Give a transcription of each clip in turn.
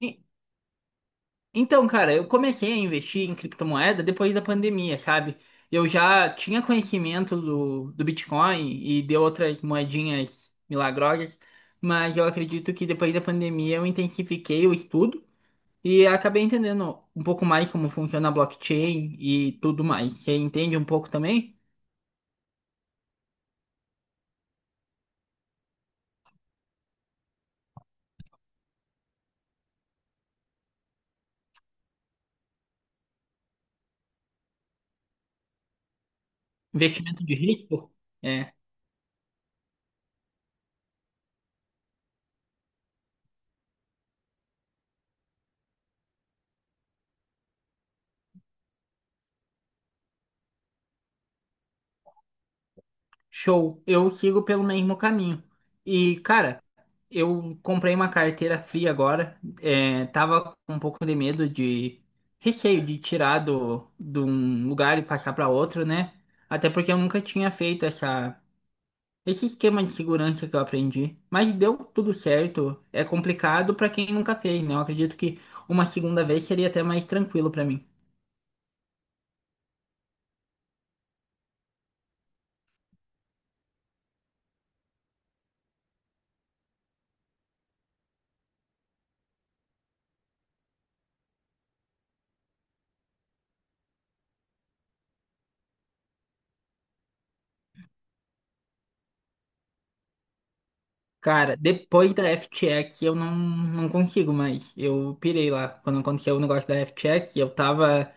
E- Então, cara, eu comecei a investir em criptomoeda depois da pandemia, sabe? Eu já tinha conhecimento do Bitcoin e de outras moedinhas milagrosas, mas eu acredito que depois da pandemia eu intensifiquei o estudo e acabei entendendo um pouco mais como funciona a blockchain e tudo mais. Você entende um pouco também? Investimento de risco? É. Show, eu sigo pelo mesmo caminho. E, cara, eu comprei uma carteira fria agora. É, tava com um pouco de medo de receio de tirar de um lugar e passar para outro, né? Até porque eu nunca tinha feito esse esquema de segurança que eu aprendi. Mas deu tudo certo. É complicado para quem nunca fez, né? Eu acredito que uma segunda vez seria até mais tranquilo para mim. Cara, depois da F-Check eu não consigo mais. Eu pirei lá. Quando aconteceu o negócio da F-Check, eu tava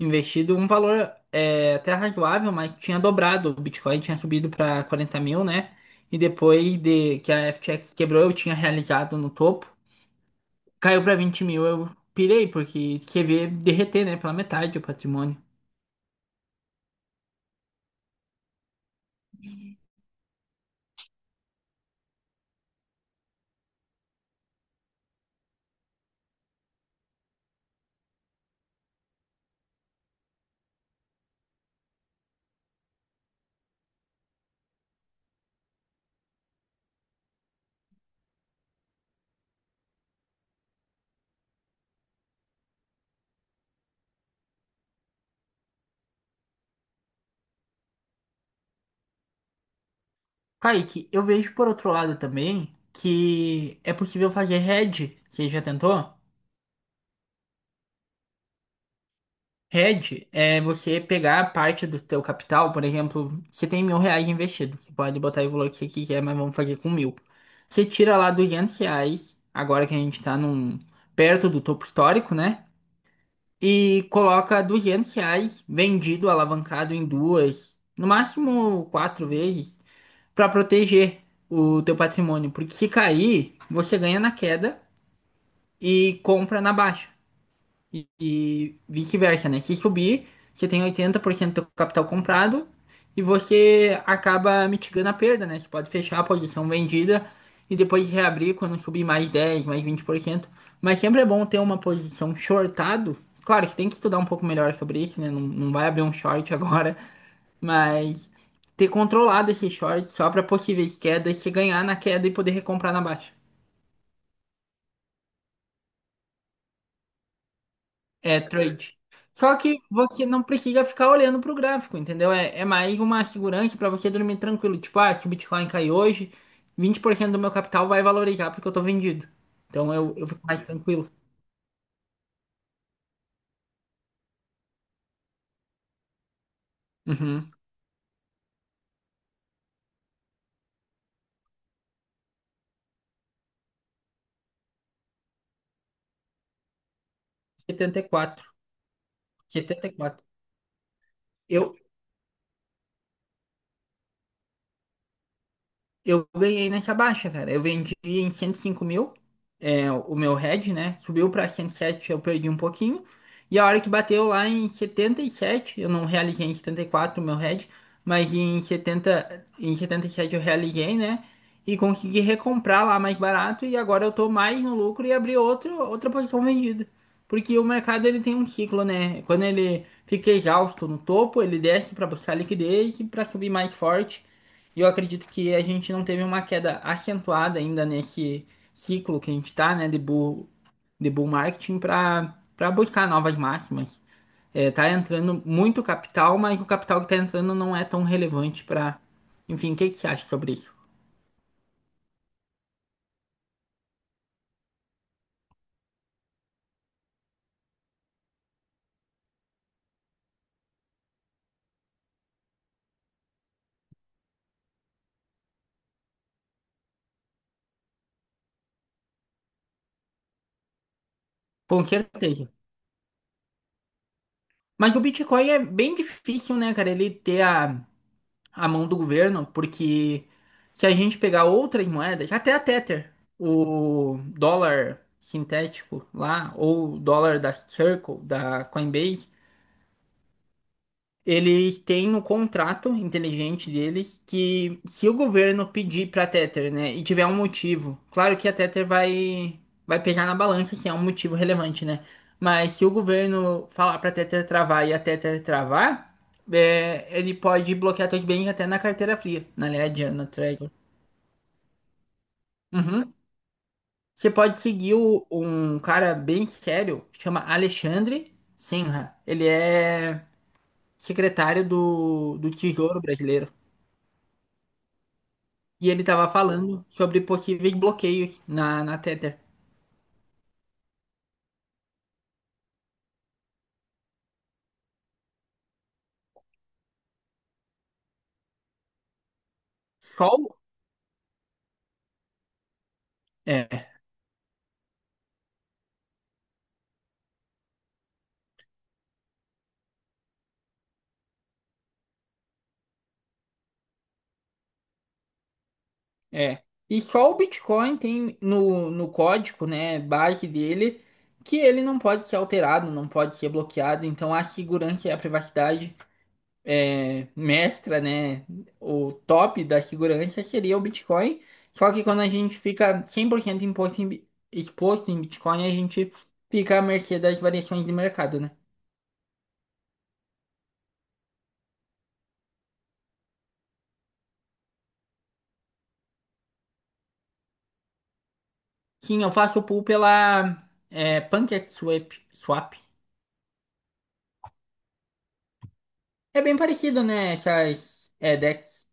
investido um valor é, até razoável, mas tinha dobrado. O Bitcoin tinha subido para 40 mil, né? E depois de que a FTX quebrou, eu tinha realizado no topo. Caiu para 20 mil, eu pirei, porque você vê derreter, né? Pela metade o patrimônio. Kaique, eu vejo por outro lado também que é possível fazer hedge. Você já tentou? Hedge é você pegar parte do teu capital, por exemplo, você tem 1.000 reais investido, você pode botar o valor que você quiser, mas vamos fazer com mil. Você tira lá 200 reais, agora que a gente tá perto do topo histórico, né? E coloca 200 reais vendido, alavancado em duas, no máximo quatro vezes, para proteger o teu patrimônio. Porque se cair, você ganha na queda e compra na baixa e vice-versa, né? Se subir, você tem 80% do capital comprado e você acaba mitigando a perda, né? Você pode fechar a posição vendida e depois reabrir quando subir mais 10, mais 20%. Mas sempre é bom ter uma posição shortado. Claro que tem que estudar um pouco melhor sobre isso, né? Não, não vai abrir um short agora, mas ter controlado esse short só para possíveis quedas, se ganhar na queda e poder recomprar na baixa. É trade. Só que você não precisa ficar olhando pro gráfico, entendeu? É, é mais uma segurança para você dormir tranquilo. Tipo, ah, se o Bitcoin cair hoje, 20% do meu capital vai valorizar porque eu tô vendido. Então eu fico mais tranquilo. Uhum. 74. 74. Eu, Eu ganhei nessa baixa, cara. Eu vendi em 105 mil, é, o meu head, né? Subiu para 107, eu perdi um pouquinho. E a hora que bateu lá em 77, eu não realizei em 74 o meu head, mas em 70, em 77 eu realizei, né? E consegui recomprar lá mais barato e agora eu tô mais no lucro e abri outra posição vendida. Porque o mercado ele tem um ciclo, né? Quando ele fica exausto no topo, ele desce para buscar liquidez e para subir mais forte. E eu acredito que a gente não teve uma queda acentuada ainda nesse ciclo que a gente está, né, de bull marketing para buscar novas máximas. É, tá entrando muito capital, mas o capital que está entrando não é tão relevante para. Enfim, o que que você acha sobre isso? Com certeza. Mas o Bitcoin é bem difícil, né, cara? Ele ter a mão do governo, porque se a gente pegar outras moedas, até a Tether, o dólar sintético lá, ou o dólar da Circle, da Coinbase, eles têm no contrato inteligente deles que se o governo pedir pra Tether, né, e tiver um motivo, claro que a Tether vai pesar na balança se é um motivo relevante, né? Mas se o governo falar pra Tether travar e a Tether travar, é, ele pode bloquear seus bens até na carteira fria, na Ledger, na Trezor. Uhum. Você pode seguir um cara bem sério, chama Alexandre Sinha. Ele é secretário do Tesouro Brasileiro. E ele tava falando sobre possíveis bloqueios na Tether. Só o- É, é. E só o Bitcoin tem no código, né, base dele, que ele não pode ser alterado, não pode ser bloqueado. Então a segurança e a privacidade é, mestra, né, o top da segurança seria o Bitcoin. Só que quando a gente fica 100% imposto em exposto em Bitcoin, a gente fica à mercê das variações de mercado, né? Sim, eu faço pool pela é, Pancake Swap. Swap. É bem parecido, né? Essas é, decks.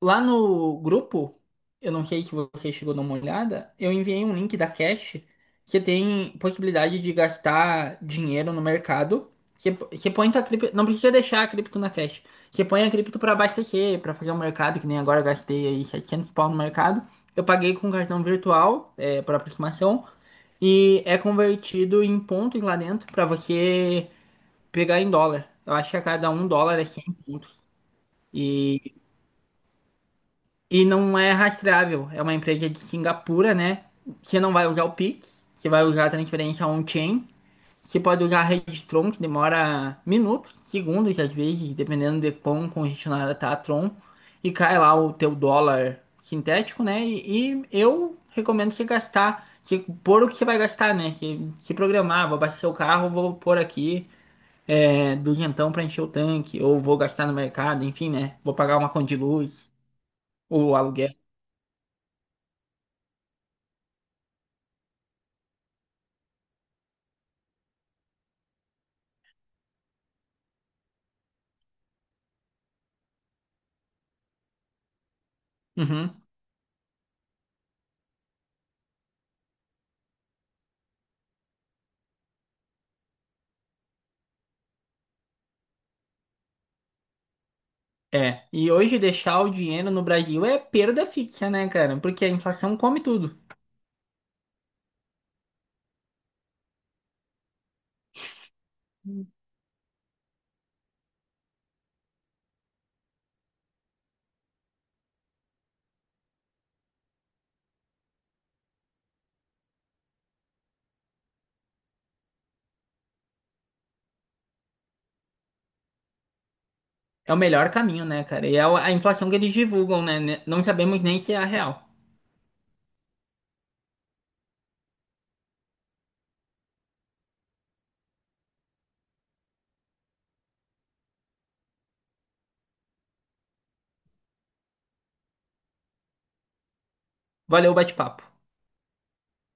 Lá no grupo, eu não sei se você chegou a dar uma olhada, eu enviei um link da Cash que tem possibilidade de gastar dinheiro no mercado. Você põe tua cripto, não precisa deixar a cripto na Cash. Você põe a cripto para abastecer, para fazer o mercado, que nem agora eu gastei aí 700 pau no mercado. Eu paguei com cartão virtual, é, por aproximação, e é convertido em pontos lá dentro para você pegar em dólar. Eu acho que a cada um dólar é 100 pontos. E não é rastreável. É uma empresa de Singapura, né? Você não vai usar o Pix, você vai usar a transferência on-chain. Você pode usar a rede Tron, que demora minutos, segundos às vezes, dependendo de quão congestionada tá a Tron. E cai lá o teu dólar sintético, né? E eu recomendo você gastar, você pôr o que você vai gastar, né? Você se programar, vou abastecer o carro, vou pôr aqui é, duzentão para encher o tanque, ou vou gastar no mercado, enfim, né? Vou pagar uma conta de luz, ou aluguel. Uhum. É. E hoje deixar o dinheiro no Brasil é perda fixa, né, cara? Porque a inflação come tudo. É o melhor caminho, né, cara? E é a inflação que eles divulgam, né? Não sabemos nem se é a real. Valeu o bate-papo.